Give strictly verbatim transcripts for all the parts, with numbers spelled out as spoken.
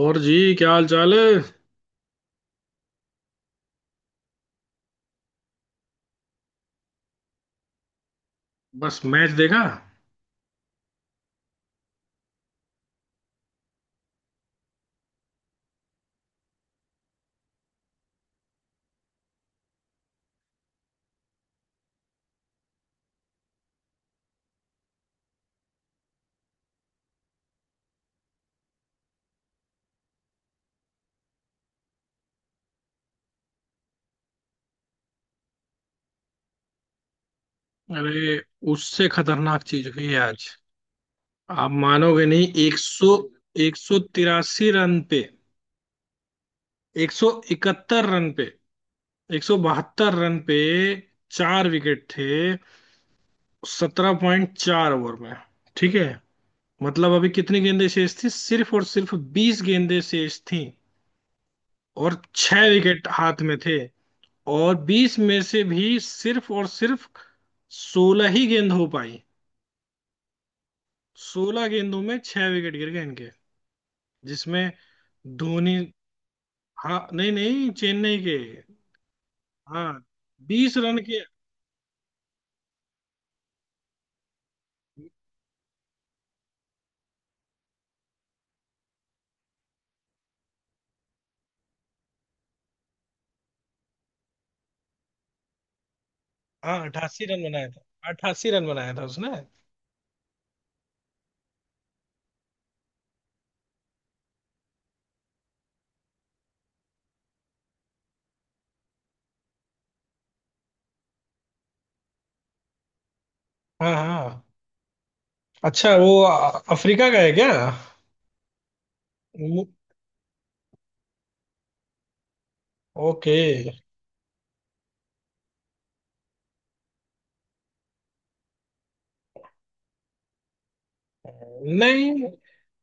और जी, क्या हाल चाल है। बस मैच देखा। अरे। उससे खतरनाक चीज हुई है आज। आप मानोगे नहीं, एक सौ। एक सौ तिरासी रन पे, एक सौ इकहत्तर रन पे, एक सौ बहत्तर रन पे चार विकेट थे। सत्रह पॉइंट चार ओवर में। ठीक है। मतलब अभी कितनी गेंदें शेष थी? सिर्फ और सिर्फ बीस गेंदें शेष थी। और छह विकेट हाथ में थे। और बीस में से भी सिर्फ और सिर्फ सोलह ही गेंद हो पाई। सोलह गेंदों में छह विकेट गिर गए इनके। जिसमें धोनी। हाँ, नहीं नहीं, चेन्नई के। हाँ, बीस रन के। हाँ, अठासी रन बनाया था, अठासी रन बनाया था उसने। हाँ, हाँ। अच्छा, वो अ- अफ्रीका का है क्या? मु- ओके। नहीं,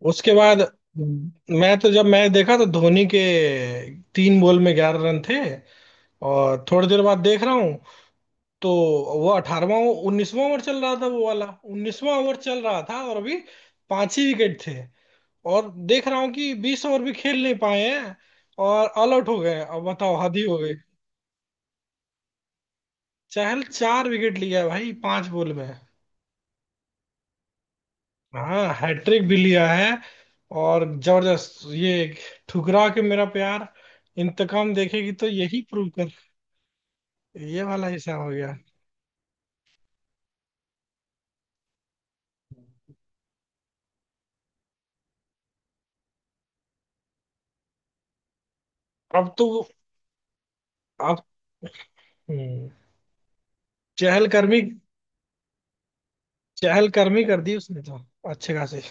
उसके बाद। मैं तो जब मैच देखा तो धोनी के, तीन बॉल में ग्यारह रन थे। और थोड़ी देर बाद देख रहा हूँ तो वो अठारहवां, उन्नीसवां ओवर चल रहा था वो वाला। उन्नीसवां ओवर चल रहा था और अभी पांच ही विकेट थे। और देख रहा हूँ कि बीस ओवर भी खेल नहीं पाए हैं। और ऑल आउट हो गए हैं। अब बताओ, हद ही हो गई। चहल चार विकेट लिया है भाई, पांच बॉल में। हाँ, हैट्रिक भी लिया है। और जबरदस्त ये, ठुकरा के मेरा प्यार, इंतकाम देखेगी तो यही प्रूव कर। ये वाला हिसाब हो गया। अब तो। अब हम्म, चहलकर्मी, चहलकर्मी कर दी उसने तो। अच्छे खासे।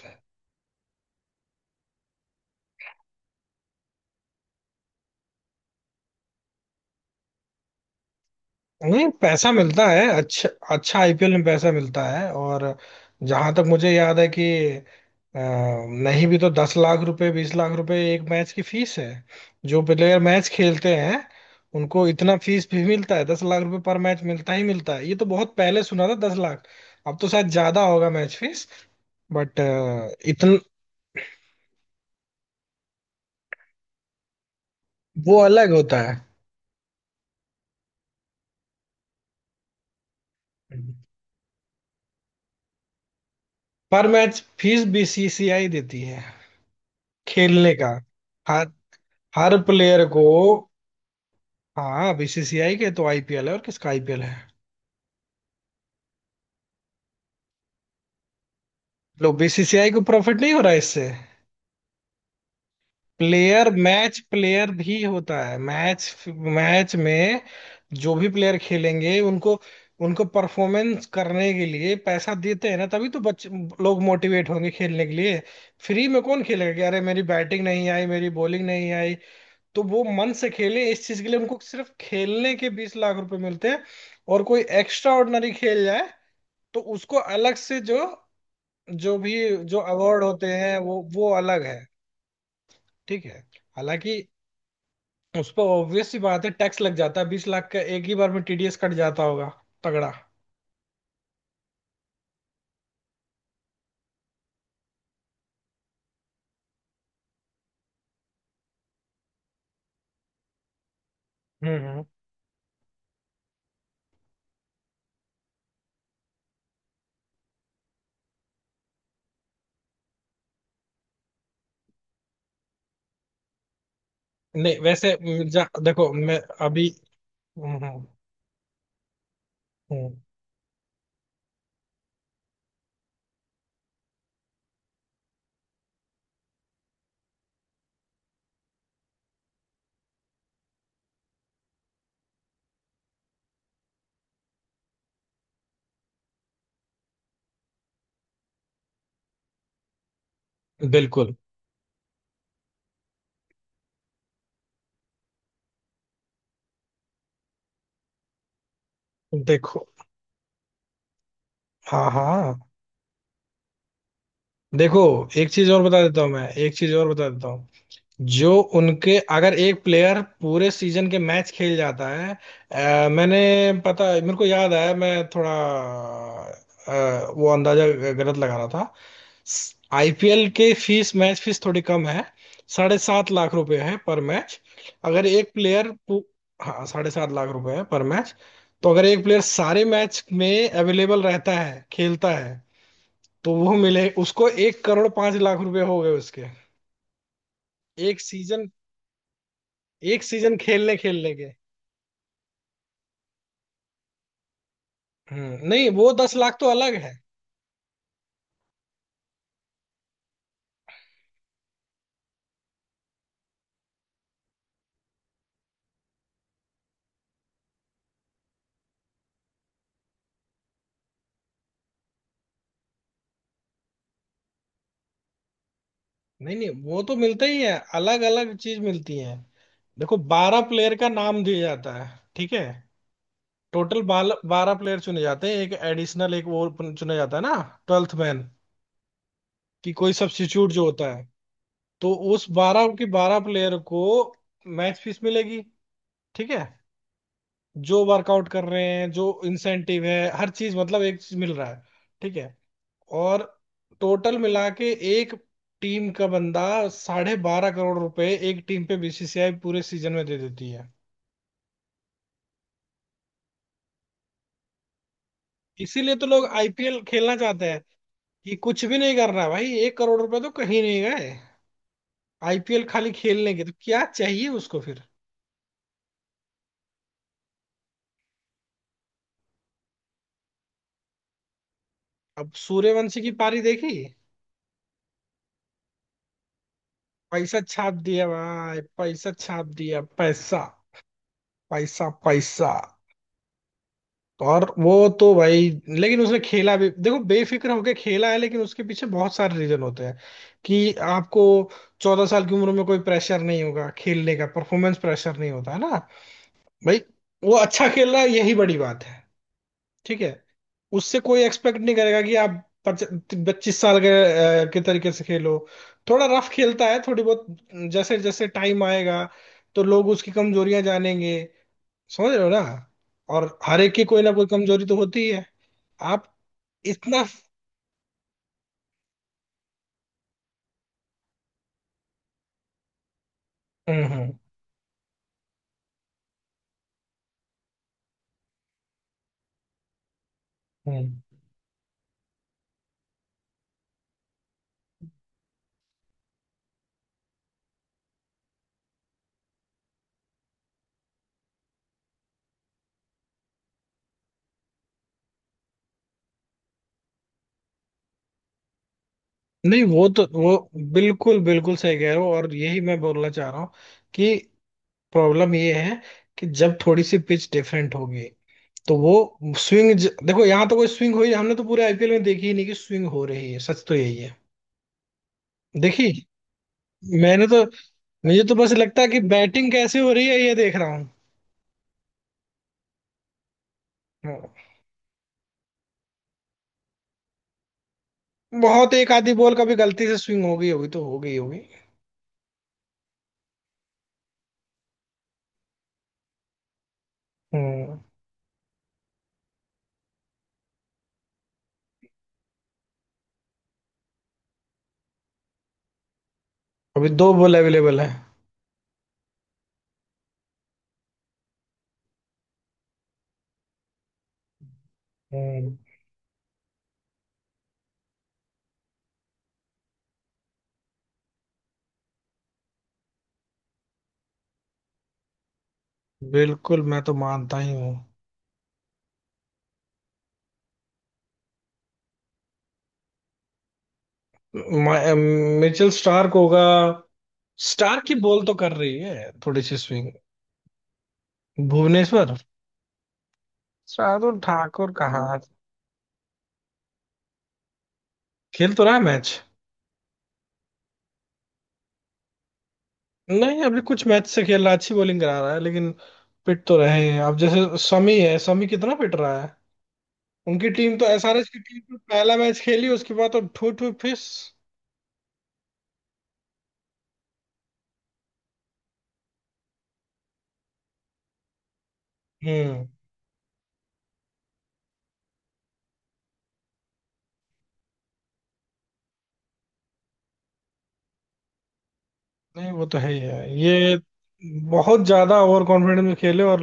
नहीं, पैसा मिलता है, अच्छा। अच्छा, आईपीएल में पैसा मिलता है, और जहां तक मुझे याद है कि अ, नहीं भी तो दस लाख रुपए, बीस लाख रुपए एक मैच की फीस है। जो प्लेयर मैच खेलते हैं उनको इतना फीस भी मिलता है। दस लाख रुपए पर मैच मिलता ही मिलता है, ये तो बहुत पहले सुना था, दस लाख। अब तो शायद ज्यादा होगा मैच फीस। बट, इतना। वो अलग होता है। पर मैच फीस बीसीसीआई देती है, खेलने का। हर हर प्लेयर को। हाँ, बीसीसीआई के तो आईपीएल है, और किसका आईपीएल है? लो, बीसीसीआई को प्रॉफिट नहीं हो रहा है इससे? प्लेयर मैच, प्लेयर भी होता है मैच मैच में। जो भी प्लेयर खेलेंगे उनको उनको परफॉर्मेंस करने के लिए पैसा देते हैं ना, तभी तो बच्चे लोग मोटिवेट होंगे खेलने के लिए। फ्री में कौन खेलेगा कि अरे, मेरी बैटिंग नहीं आई, मेरी बॉलिंग नहीं आई। तो वो मन से खेले, इस चीज के लिए उनको सिर्फ खेलने के बीस लाख रुपए मिलते हैं। और कोई एक्स्ट्रा ऑर्डिनरी खेल जाए तो उसको अलग से, जो, जो भी, जो अवार्ड होते हैं वो वो अलग है। ठीक है। हालांकि, उस पर ऑब्वियस सी बात है, टैक्स लग जाता है, बीस लाख का एक ही बार में टीडीएस कट जाता होगा। तगड़ा। हम्म, हम्म। नहीं वैसे, जा, देखो मैं, अभी। हम्म, हम्म, हम्म। बिल्कुल। देखो। हाँ, हाँ। देखो, एक चीज और बता देता हूँ, मैं एक चीज और बता देता हूँ। जो उनके, अगर एक प्लेयर पूरे सीजन के मैच खेल जाता है, अ, मैंने, पता, मेरे को याद आया, मैं थोड़ा अ, वो अंदाजा गलत लगा रहा था। आईपीएल के फीस, मैच फीस थोड़ी कम है, साढ़े सात लाख रुपए है पर मैच। अगर एक प्लेयर पू- हाँ, साढ़े सात लाख रुपए है पर मैच। तो अगर एक प्लेयर सारे मैच में अवेलेबल रहता है, खेलता है, तो वो मिले उसको, एक करोड़ पांच लाख रुपए हो गए उसके। एक सीजन, एक सीजन खेलने खेलने के। हम्म, नहीं वो दस लाख तो अलग है। नहीं नहीं, वो तो मिलते ही है, अलग अलग चीज मिलती है। देखो, बारह प्लेयर का नाम दिया जाता है। ठीक है। टोटल। बारह प्लेयर चुने जाते हैं, एक एडिशनल, एक वो चुना जाता है ना। Twelfth man. कि कोई सब्स्टिट्यूट जो होता है। तो उस बारह के बारह प्लेयर को मैच फीस मिलेगी। ठीक है। जो वर्कआउट कर रहे हैं, जो इंसेंटिव है, हर चीज, मतलब एक चीज मिल रहा है। ठीक है। और टोटल मिला के, एक टीम का बंदा, साढ़े बारह करोड़ रुपए एक टीम पे बीसीसीआई पूरे सीजन में दे देती है। इसीलिए तो लोग आईपीएल खेलना चाहते हैं, कि कुछ भी नहीं करना भाई, एक करोड़ रुपए तो कहीं नहीं गए। आईपीएल खाली खेलने के तो क्या चाहिए उसको फिर? अब सूर्यवंशी की पारी देखी? पैसा छाप दिया भाई, पैसा छाप दिया, पैसा, पैसा, पैसा। और वो तो भाई, लेकिन उसने खेला भी देखो बेफिक्र होके खेला है, लेकिन उसके पीछे बहुत सारे रीजन होते हैं कि आपको चौदह साल की उम्र में कोई प्रेशर नहीं होगा खेलने का, परफॉर्मेंस प्रेशर नहीं होता है ना। भाई, वो अच्छा खेल रहा है, यही बड़ी बात है। ठीक है। उससे कोई एक्सपेक्ट नहीं करेगा कि आप पच्चीस साल के अ, के तरीके से खेलो। थोड़ा रफ खेलता है, थोड़ी बहुत। जैसे जैसे टाइम आएगा तो लोग उसकी कमजोरियां जानेंगे, समझ रहे हो ना? और हर एक की कोई ना कोई कमजोरी तो होती ही है। आप, इतना। हम्म, हम्म, हम्म। नहीं, वो तो वो बिल्कुल बिल्कुल सही कह रहे हो, और यही मैं बोलना चाह रहा हूँ कि प्रॉब्लम ये है कि जब थोड़ी सी पिच डिफरेंट होगी, तो वो स्विंग। देखो, यहाँ तो कोई स्विंग हुई, हमने तो पूरे आईपीएल में देखी ही नहीं कि स्विंग हो रही है, सच तो यही है। देखी, मैंने तो, मुझे तो बस लगता है कि बैटिंग कैसे हो रही है ये देख रहा हूँ। बहुत एक आधी बॉल कभी गलती से स्विंग हो गई होगी तो हो गई होगी। हम्म। अभी दो बॉल अवेलेबल है। हम्म, बिल्कुल मैं तो मानता ही हूँ। म- मिचेल स्टार्क होगा। स्टार की बॉल तो कर रही है थोड़ी सी स्विंग। भुवनेश्वर। शार्दुल ठाकुर कहाँ? खेल तो रहा है मैच। नहीं, अभी कुछ मैच से खेल रहा है, अच्छी बॉलिंग करा रहा है, लेकिन पिट तो रहे हैं। अब जैसे शमी है, शमी कितना पिट रहा है। उनकी टीम तो, एसआरएच की टीम तो पहला मैच खेली, उसके बाद तो ठू ठू फिस। हम्म, नहीं वो तो है ही है ये। बहुत ज्यादा ओवर कॉन्फिडेंस में खेले और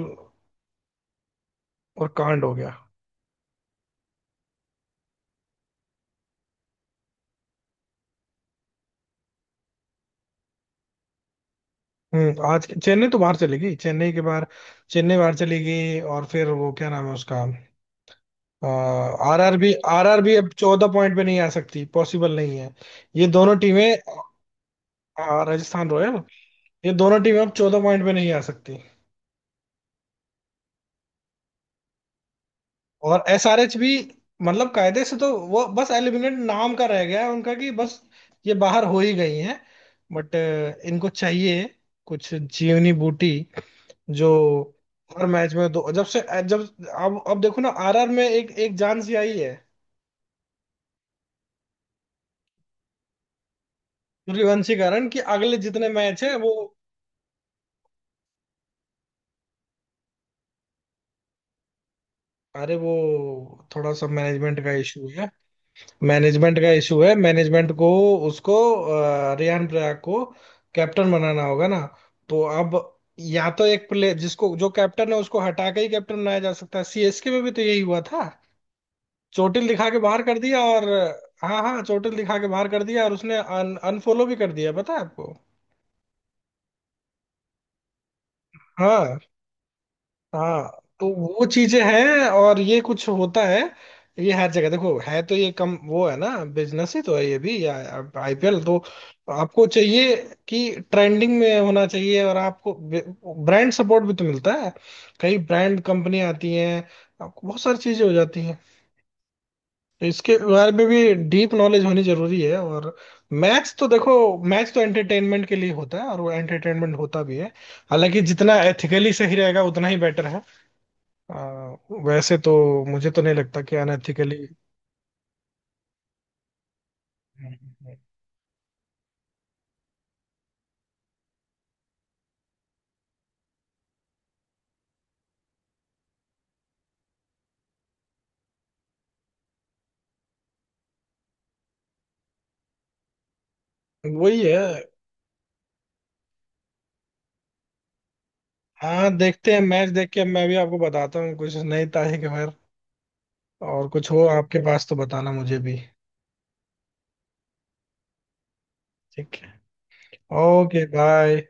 और कांड हो गया। हम्म, आज चेन्नई तो बाहर चली गई, चेन्नई के बाहर। चेन्नई बाहर चली गई और फिर वो क्या नाम है उसका? R R B, R R B अब चौदह पॉइंट पे नहीं आ सकती, पॉसिबल नहीं है। ये दोनों टीमें, अ, राजस्थान रॉयल। ये दोनों टीमें अब चौदह पॉइंट पे नहीं आ सकती, और एसआरएच भी। मतलब कायदे से तो वो बस एलिमिनेट नाम का रह गया है उनका, कि बस ये बाहर हो ही गई हैं। बट इनको चाहिए कुछ जीवनी बूटी, जो हर मैच में दो, जब से, जब अब अब देखो ना, आरआर में एक एक जान सी आई है। सूर्यवंशी कारण, कि अगले जितने मैच है वो। अरे, वो थोड़ा सा मैनेजमेंट का इशू है, मैनेजमेंट का इशू है, मैनेजमेंट को उसको अ, रियान पराग को कैप्टन बनाना होगा ना। तो अब, या तो एक प्लेयर, जिसको जो कैप्टन है उसको हटा के ही कैप्टन बनाया जा सकता है, सीएसके में भी तो यही हुआ था, चोटिल दिखा के बाहर कर दिया। और हाँ हाँ, चोटिल दिखा के बाहर कर दिया और उसने अन, अनफॉलो भी कर दिया, पता है आपको? हाँ, हाँ। तो वो चीजें हैं, और ये कुछ होता है। ये हर जगह देखो है, तो ये कम वो है ना। बिजनेस ही तो है ये भी, या आईपीएल तो, आपको चाहिए कि ट्रेंडिंग में होना चाहिए, और आपको ब्रांड सपोर्ट भी तो मिलता है, कई ब्रांड कंपनी आती हैं, आपको बहुत सारी चीजें हो जाती हैं। तो इसके बारे में भी डीप नॉलेज होनी जरूरी है, और मैच तो देखो, मैच तो एंटरटेनमेंट के लिए होता है और वो एंटरटेनमेंट होता भी है। हालांकि जितना एथिकली सही रहेगा उतना ही बेटर है। आ, वैसे तो मुझे तो नहीं लगता कि अनएथिकली। वही है। हाँ, देखते हैं, मैच देख के मैं भी आपको बताता हूँ, कुछ नई तारीख अगर और कुछ हो आपके पास तो बताना मुझे भी। ठीक है। Okay, bye.